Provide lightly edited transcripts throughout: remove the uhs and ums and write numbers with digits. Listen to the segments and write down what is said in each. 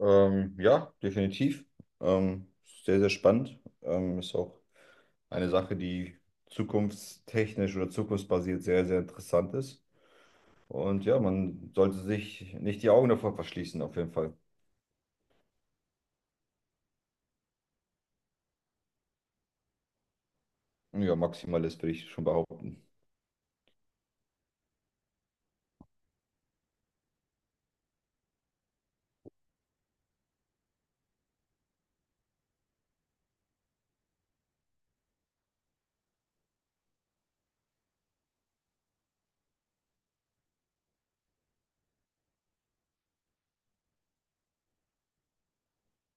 Ja, definitiv. Ähm, Sehr, sehr spannend. Ist auch eine Sache, die zukunftstechnisch oder zukunftsbasiert sehr, sehr interessant ist. Und ja, man sollte sich nicht die Augen davor verschließen, auf jeden Fall. Ja, Maximalist würde ich schon behaupten.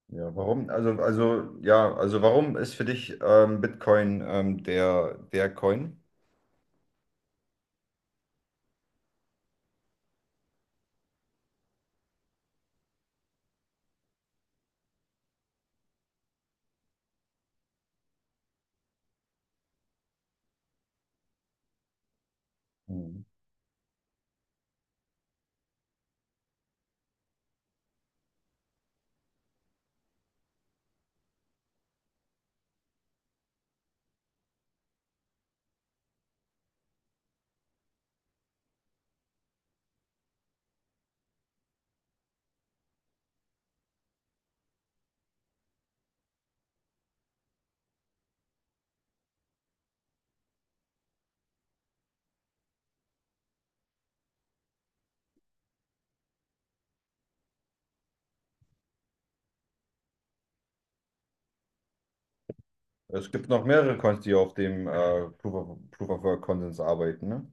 Ja, warum? Also warum ist für dich Bitcoin der Coin? Mhm. Es gibt noch mehrere Coins, die auf dem Proof of Work Konsens arbeiten, ne?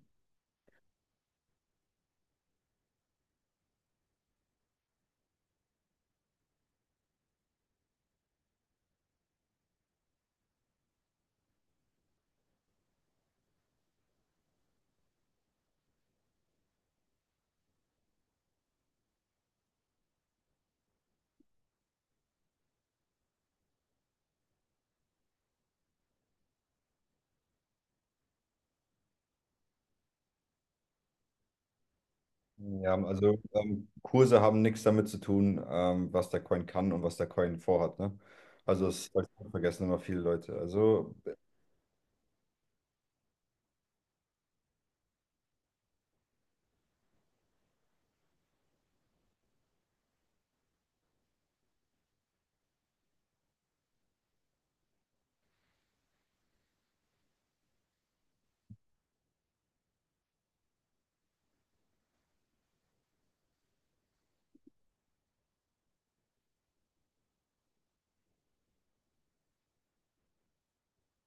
Ja, also Kurse haben nichts damit zu tun, was der Coin kann und was der Coin vorhat, ne? Also das vergessen immer viele Leute. Also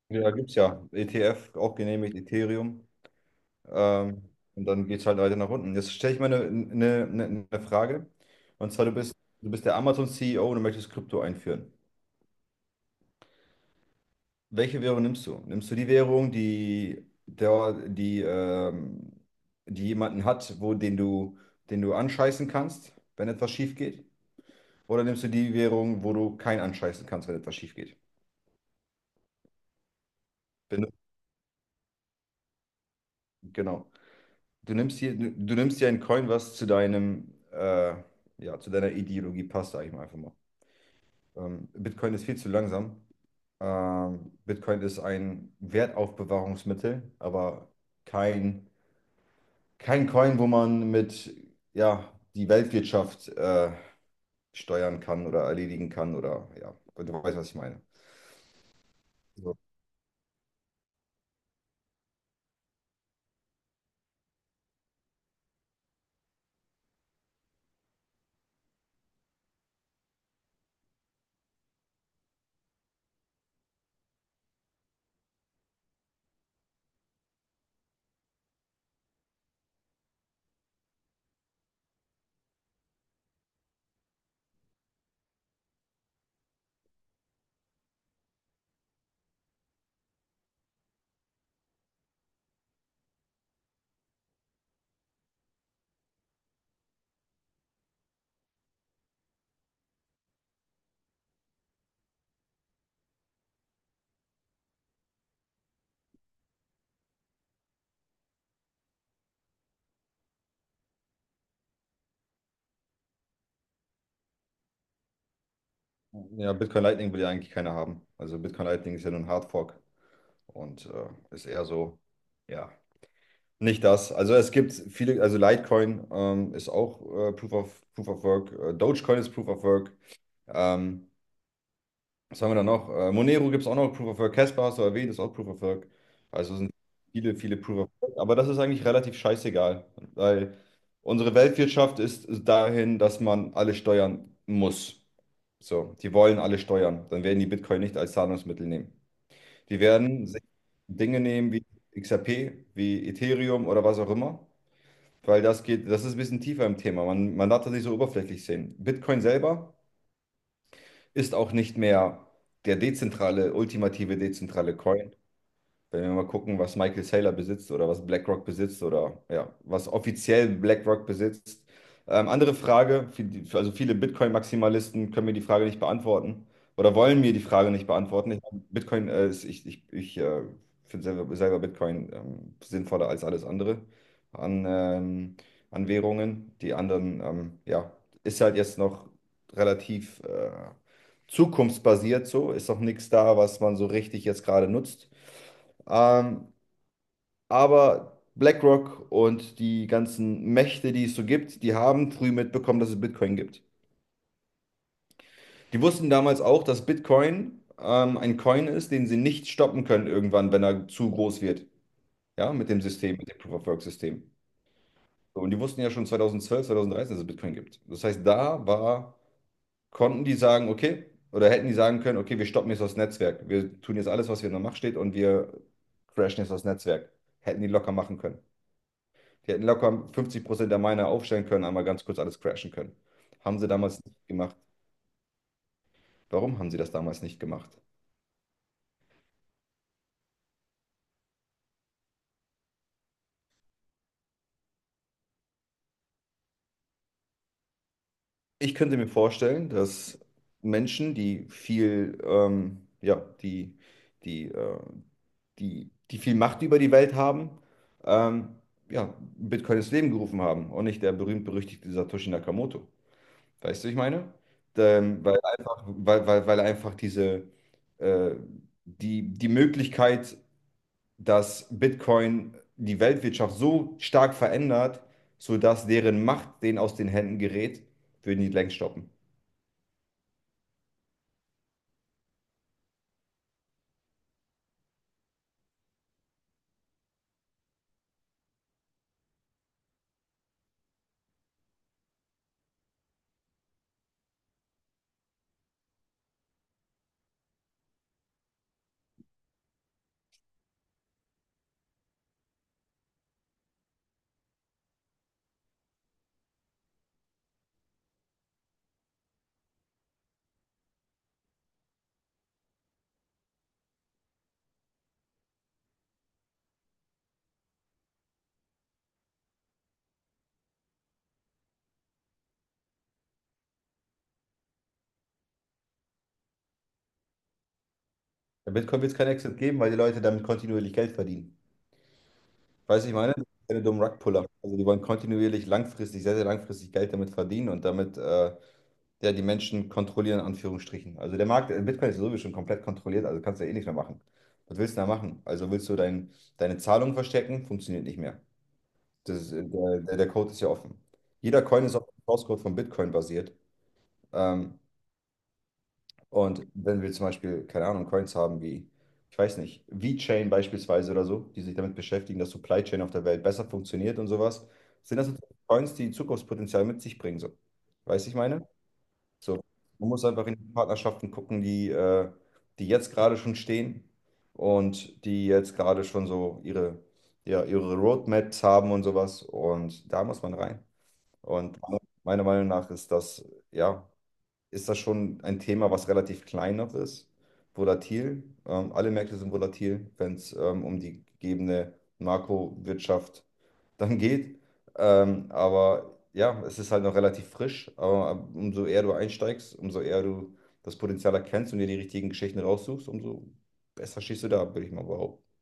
da gibt es ja ETF, auch genehmigt, Ethereum. Ähm, und dann geht es halt weiter nach unten. Jetzt stelle ich mal eine Frage. Und zwar, du bist der Amazon-CEO und du möchtest Krypto einführen. Welche Währung nimmst du? Nimmst du die Währung, die jemanden hat, den du anscheißen kannst, wenn etwas schief geht? Oder nimmst du die Währung, wo du keinen anscheißen kannst, wenn etwas schief geht? Wenn du- Genau. Du nimmst dir ein Coin, was zu deinem, ja, zu deiner Ideologie passt, sage ich mal einfach mal. Bitcoin ist viel zu langsam. Bitcoin ist ein Wertaufbewahrungsmittel, aber kein, kein Coin, wo man mit, ja, die Weltwirtschaft, steuern kann oder erledigen kann oder, ja, du weißt, was ich meine. So. Ja, Bitcoin Lightning will ja eigentlich keiner haben. Also Bitcoin Lightning ist ja nur ein Hardfork. Und ist eher so, ja, nicht das. Also es gibt viele, also Litecoin ist auch Proof of Work, Dogecoin ist Proof of Work. Ähm, Was haben wir da noch? Monero gibt es auch noch Proof of Work. Casper hast du erwähnt, ist auch Proof of Work. Also sind viele, viele Proof of Work. Aber das ist eigentlich relativ scheißegal, weil unsere Weltwirtschaft ist dahin, dass man alle steuern muss. So, die wollen alle steuern. Dann werden die Bitcoin nicht als Zahlungsmittel nehmen. Die werden sich Dinge nehmen wie XRP, wie Ethereum oder was auch immer, weil das geht, das ist ein bisschen tiefer im Thema. Man darf das nicht so oberflächlich sehen. Bitcoin selber ist auch nicht mehr der dezentrale, ultimative dezentrale Coin. Wenn wir mal gucken, was Michael Saylor besitzt oder was BlackRock besitzt oder ja, was offiziell BlackRock besitzt. Andere Frage, viele Bitcoin-Maximalisten können mir die Frage nicht beantworten oder wollen mir die Frage nicht beantworten. Ich, Bitcoin, ist, ich finde selber Bitcoin sinnvoller als alles andere an, an Währungen. Die anderen, ja, ist halt jetzt noch relativ zukunftsbasiert so, ist noch nichts da, was man so richtig jetzt gerade nutzt. Ähm, aber BlackRock und die ganzen Mächte, die es so gibt, die haben früh mitbekommen, dass es Bitcoin gibt. Die wussten damals auch, dass Bitcoin ein Coin ist, den sie nicht stoppen können irgendwann, wenn er zu groß wird. Ja, mit dem System, mit dem Proof-of-Work-System. So, und die wussten ja schon 2012, 2013, dass es Bitcoin gibt. Das heißt, konnten die sagen, okay, oder hätten die sagen können, okay, wir stoppen jetzt das Netzwerk. Wir tun jetzt alles, was hier in der Macht steht und wir crashen jetzt das Netzwerk. Hätten die locker machen können. Die hätten locker 50% der Miner aufstellen können, einmal ganz kurz alles crashen können. Haben sie damals nicht gemacht. Warum haben sie das damals nicht gemacht? Ich könnte mir vorstellen, dass Menschen, die viel, die, die, äh, die viel Macht über die Welt haben, ähm, ja, Bitcoin ins Leben gerufen haben und nicht der berühmt-berüchtigte Satoshi Nakamoto. Weißt du, was ich meine? Weil er einfach diese, äh, die Möglichkeit, dass Bitcoin die Weltwirtschaft so stark verändert, sodass deren Macht denen aus den Händen gerät, würden die längst stoppen. Bei Bitcoin wird es keinen Exit geben, weil die Leute damit kontinuierlich Geld verdienen. Weißt du, ich meine, das sind keine dummen Rugpuller. Also die wollen kontinuierlich langfristig, sehr, sehr langfristig Geld damit verdienen und damit ja, die Menschen kontrollieren, in Anführungsstrichen. Also der Markt, Bitcoin ist sowieso schon komplett kontrolliert, also kannst du ja eh nichts mehr machen. Was willst du da machen? Also willst du deine Zahlung verstecken? Funktioniert nicht mehr. Das, der, der der Code ist ja offen. Jeder Coin ist auf dem Source Code von Bitcoin basiert. Ähm, und wenn wir zum Beispiel, keine Ahnung, Coins haben wie, ich weiß nicht, VeChain beispielsweise oder so, die sich damit beschäftigen, dass Supply Chain auf der Welt besser funktioniert und sowas, sind das natürlich Coins, die Zukunftspotenzial mit sich bringen. So. Weißt du, ich meine? So. Man muss einfach in die Partnerschaften gucken, die jetzt gerade schon stehen und die jetzt gerade schon so ihre, ja, ihre Roadmaps haben und sowas. Und da muss man rein. Und meiner Meinung nach ist das, ja, ist das schon ein Thema, was relativ klein noch ist, volatil. Alle Märkte sind volatil, wenn es um die gegebene Makrowirtschaft dann geht. Aber ja, es ist halt noch relativ frisch. Aber umso eher du einsteigst, umso eher du das Potenzial erkennst und dir die richtigen Geschichten raussuchst, umso besser stehst du da, würde ich mal behaupten.